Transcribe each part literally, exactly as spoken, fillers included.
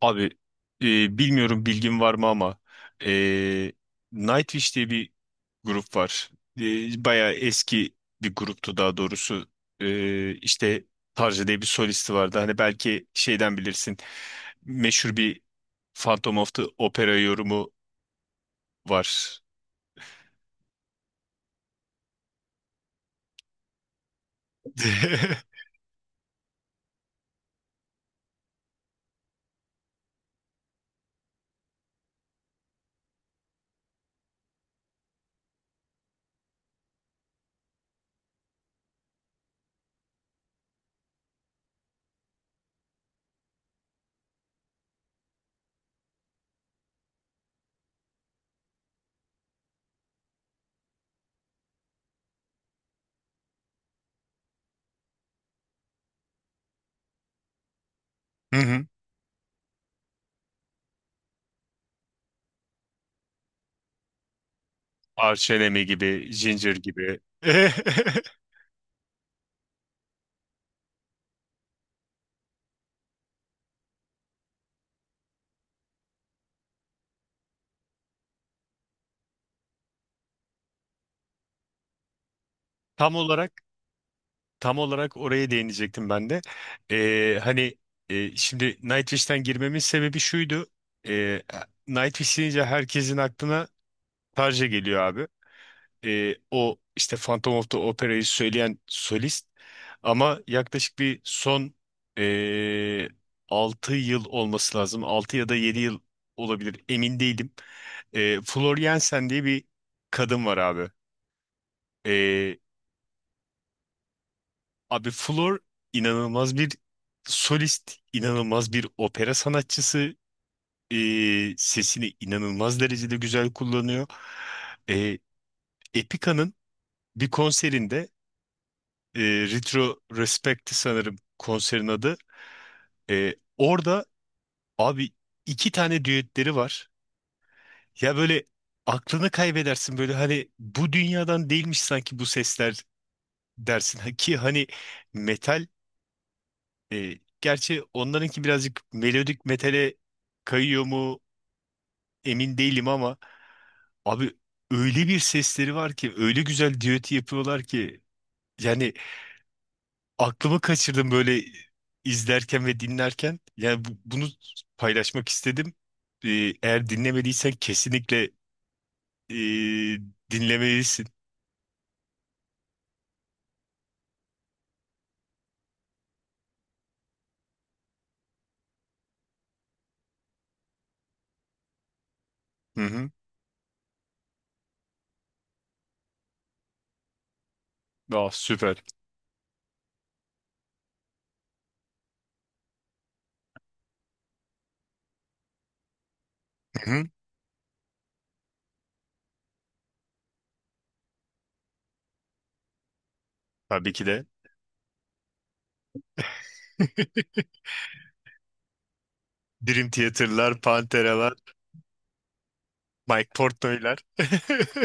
Abi, e, bilmiyorum bilgin var mı ama e, Nightwish diye bir grup var. E, bayağı eski bir gruptu daha doğrusu. E, işte Tarja diye bir solisti vardı. Hani belki şeyden bilirsin. Meşhur bir Phantom of the Opera yorumu var. Hı hı. Arch Enemy gibi, Ginger gibi. Tam olarak Tam olarak oraya değinecektim ben de. Ee, hani, e, şimdi Nightwish'ten girmemin sebebi şuydu. Ee, Nightwish deyince herkesin aklına Tarja geliyor abi. Ee, o işte Phantom of the Opera'yı söyleyen solist. Ama yaklaşık bir son e, altı yıl olması lazım. Altı ya da yedi yıl olabilir, emin değilim. Ee, Flor Jensen diye bir kadın var abi. Abi, Flor inanılmaz bir solist, inanılmaz bir opera sanatçısı. Ee, sesini inanılmaz derecede güzel kullanıyor. Ee, Epica'nın bir konserinde, e, Retro Respect sanırım konserin adı. Ee, orada abi iki tane düetleri var. Ya böyle aklını kaybedersin, böyle hani bu dünyadan değilmiş sanki bu sesler dersin. Ha, ki hani metal. E, gerçi onlarınki birazcık melodik metale kayıyor mu emin değilim ama abi öyle bir sesleri var ki, öyle güzel düeti yapıyorlar ki yani aklımı kaçırdım böyle izlerken ve dinlerken. Yani bu- bunu paylaşmak istedim. E, Eğer dinlemediysen kesinlikle e, dinlemelisin. Hı hı. Ah, süper. Hı hı. Tabii ki de. Dream Theater'lar, Pantera'lar, Mike Portnoy'lar.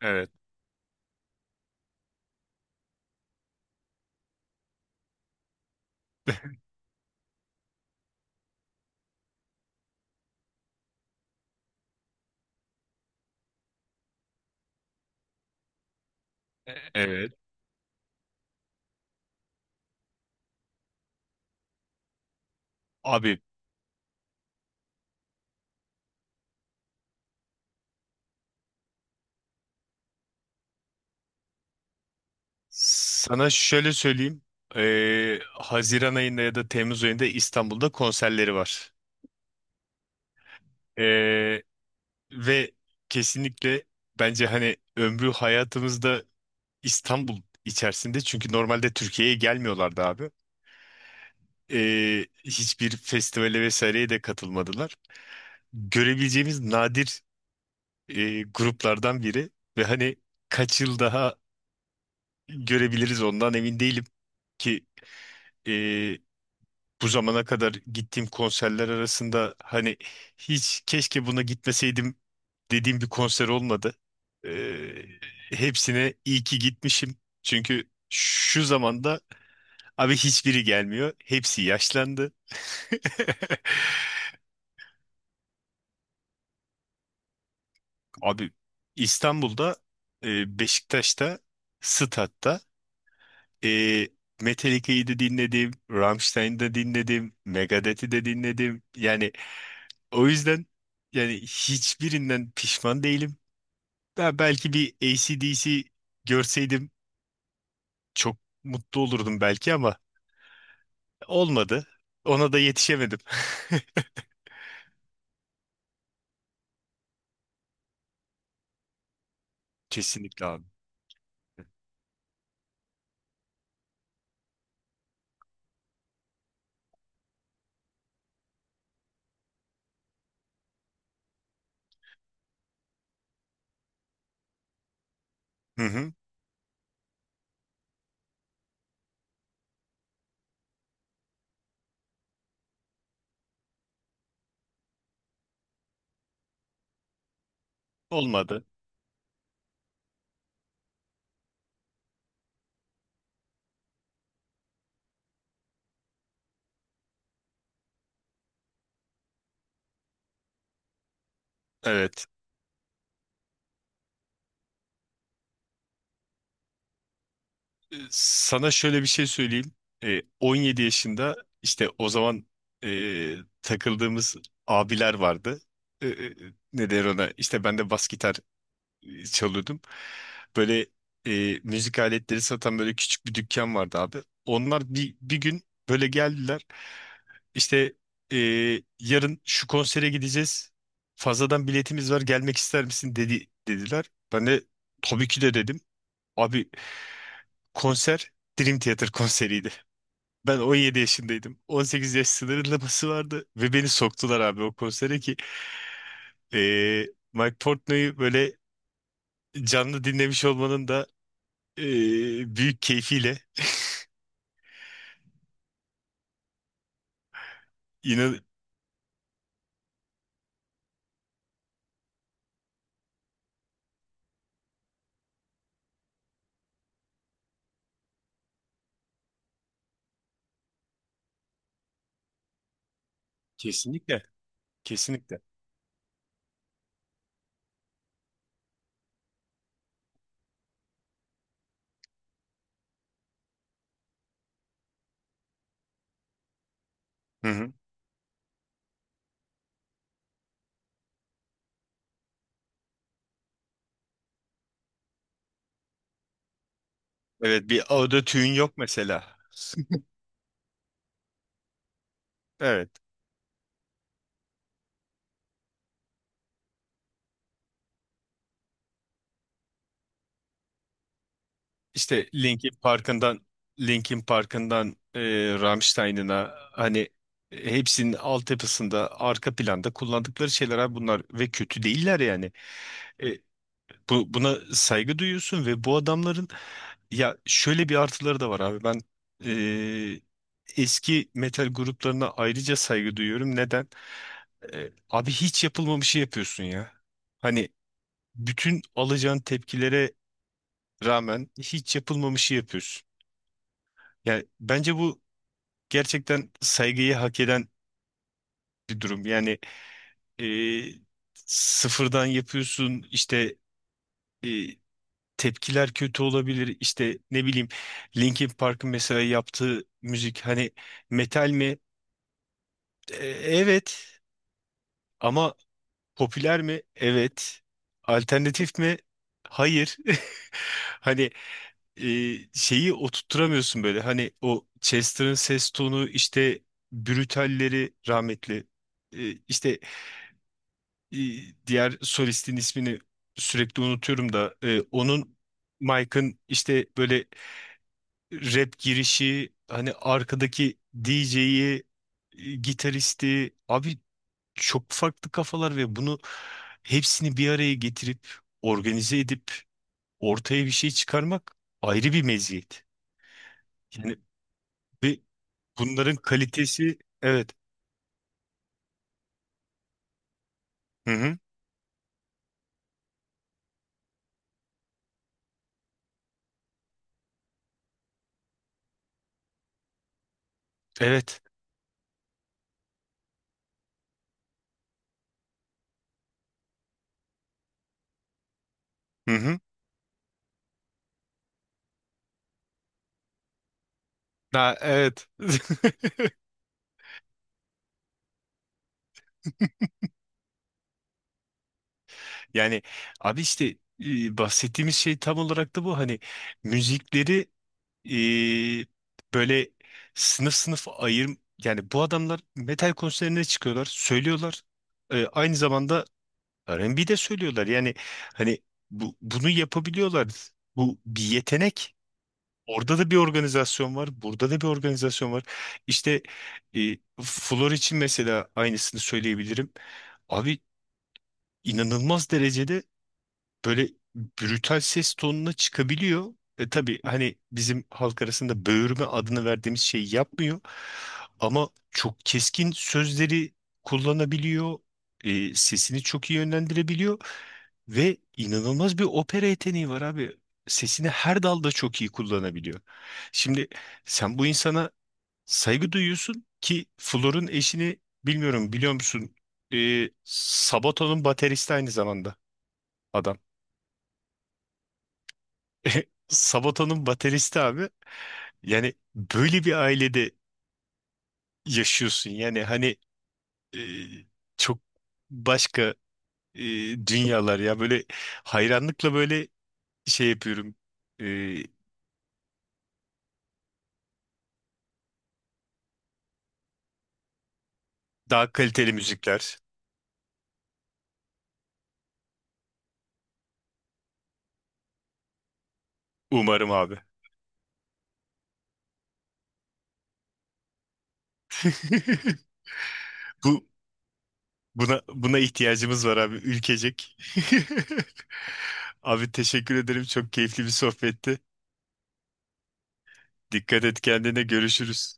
Evet. Evet. Abi, sana şöyle söyleyeyim. Ee, Haziran ayında ya da Temmuz ayında İstanbul'da konserleri var. Ee, Ve kesinlikle bence hani ömrü hayatımızda İstanbul içerisinde, çünkü normalde Türkiye'ye gelmiyorlardı abi. Ee, hiçbir festivale vesaireye de katılmadılar. Görebileceğimiz nadir e, gruplardan biri ve hani kaç yıl daha görebiliriz ondan emin değilim ki bu zamana kadar gittiğim konserler arasında hani hiç keşke buna gitmeseydim dediğim bir konser olmadı. Ee, Hepsine iyi ki gitmişim. Çünkü şu zamanda abi hiçbiri gelmiyor. Hepsi yaşlandı. Abi, İstanbul'da, e, Beşiktaş'ta, Stad'da, e, Metallica'yı da dinledim, Rammstein'i de dinledim, Megadeth'i de dinledim. Yani o yüzden, yani hiçbirinden pişman değilim. Ben belki bir A C D C görseydim çok mutlu olurdum belki ama olmadı. Ona da yetişemedim. Kesinlikle abi. Hı hı. Olmadı. Evet. Ee, Sana şöyle bir şey söyleyeyim. Ee, on yedi yaşında, işte o zaman ee, takıldığımız abiler vardı. Ee, e, Ne der ona? İşte ben de bas gitar e, çalıyordum. Böyle e, müzik aletleri satan böyle küçük bir dükkan vardı abi. Onlar bir, bir gün böyle geldiler. İşte, e, yarın şu konsere gideceğiz. Fazladan biletimiz var. Gelmek ister misin dedi dediler. Ben de tabii ki de dedim. Abi, konser Dream Theater konseriydi. Ben on yedi yaşındaydım. on sekiz yaş sınırlaması vardı ve beni soktular abi o konsere ki eee Mike Portnoy'u böyle canlı dinlemiş olmanın da eee, büyük keyfiyle, inan, kesinlikle kesinlikle. Hı hı. Evet, bir autotune yok mesela. Evet. İşte Linkin Park'ından Linkin Park'ından eee Rammstein'ına hani hepsinin altyapısında arka planda kullandıkları şeyler abi bunlar, ve kötü değiller yani. Bu, buna saygı duyuyorsun ve bu adamların, ya, şöyle bir artıları da var abi. Ben eee, eski metal gruplarına ayrıca saygı duyuyorum. Neden? Eee, abi hiç yapılmamışı şey yapıyorsun ya. Hani bütün alacağın tepkilere rağmen hiç yapılmamışı şey yapıyorsun. Yani bence bu gerçekten saygıyı hak eden bir durum. Yani eee, sıfırdan yapıyorsun, işte tepkiler kötü olabilir. İşte, ne bileyim, Linkin Park'ın mesela yaptığı müzik hani metal mi? E, evet, ama popüler mi? Evet. Alternatif mi? Hayır. Hani e, şeyi oturtturamıyorsun böyle. Hani o Chester'ın ses tonu, işte Brutal'leri, rahmetli. E, işte e, diğer solistin ismini sürekli unutuyorum da e, onun, Mike'ın işte böyle rap girişi, hani arkadaki D J'yi, gitaristi, abi çok farklı kafalar ve bunu hepsini bir araya getirip organize edip ortaya bir şey çıkarmak ayrı bir meziyet. Yani ve bunların kalitesi, evet. Hı hı. Evet. Hı hı. Ha, evet. Yani abi, işte, e, bahsettiğimiz şey tam olarak da bu, hani müzikleri eee, böyle sınıf sınıf ayır, yani bu adamlar metal konserine çıkıyorlar, söylüyorlar. Eee, aynı zamanda R and B de söylüyorlar. Yani hani bu bunu yapabiliyorlar. Bu bir yetenek. Orada da bir organizasyon var, burada da bir organizasyon var. İşte eee Flor için mesela aynısını söyleyebilirim. Abi, inanılmaz derecede böyle brutal ses tonuna çıkabiliyor. E tabii hani bizim halk arasında böğürme adını verdiğimiz şeyi yapmıyor. Ama çok keskin sözleri kullanabiliyor. E, sesini çok iyi yönlendirebiliyor. Ve inanılmaz bir opera yeteneği var abi. Sesini her dalda çok iyi kullanabiliyor. Şimdi sen bu insana saygı duyuyorsun ki Flor'un eşini bilmiyorum biliyor musun? E, Sabata'nın bateristi aynı zamanda adam. Sabaton'un bateristi abi. Yani böyle bir ailede yaşıyorsun. Yani hani e, çok başka e, dünyalar ya. Böyle hayranlıkla böyle şey yapıyorum. E, Daha kaliteli müzikler. Umarım abi. Bu buna buna ihtiyacımız var abi, ülkecek. Abi, teşekkür ederim. Çok keyifli bir sohbetti. Dikkat et kendine. Görüşürüz.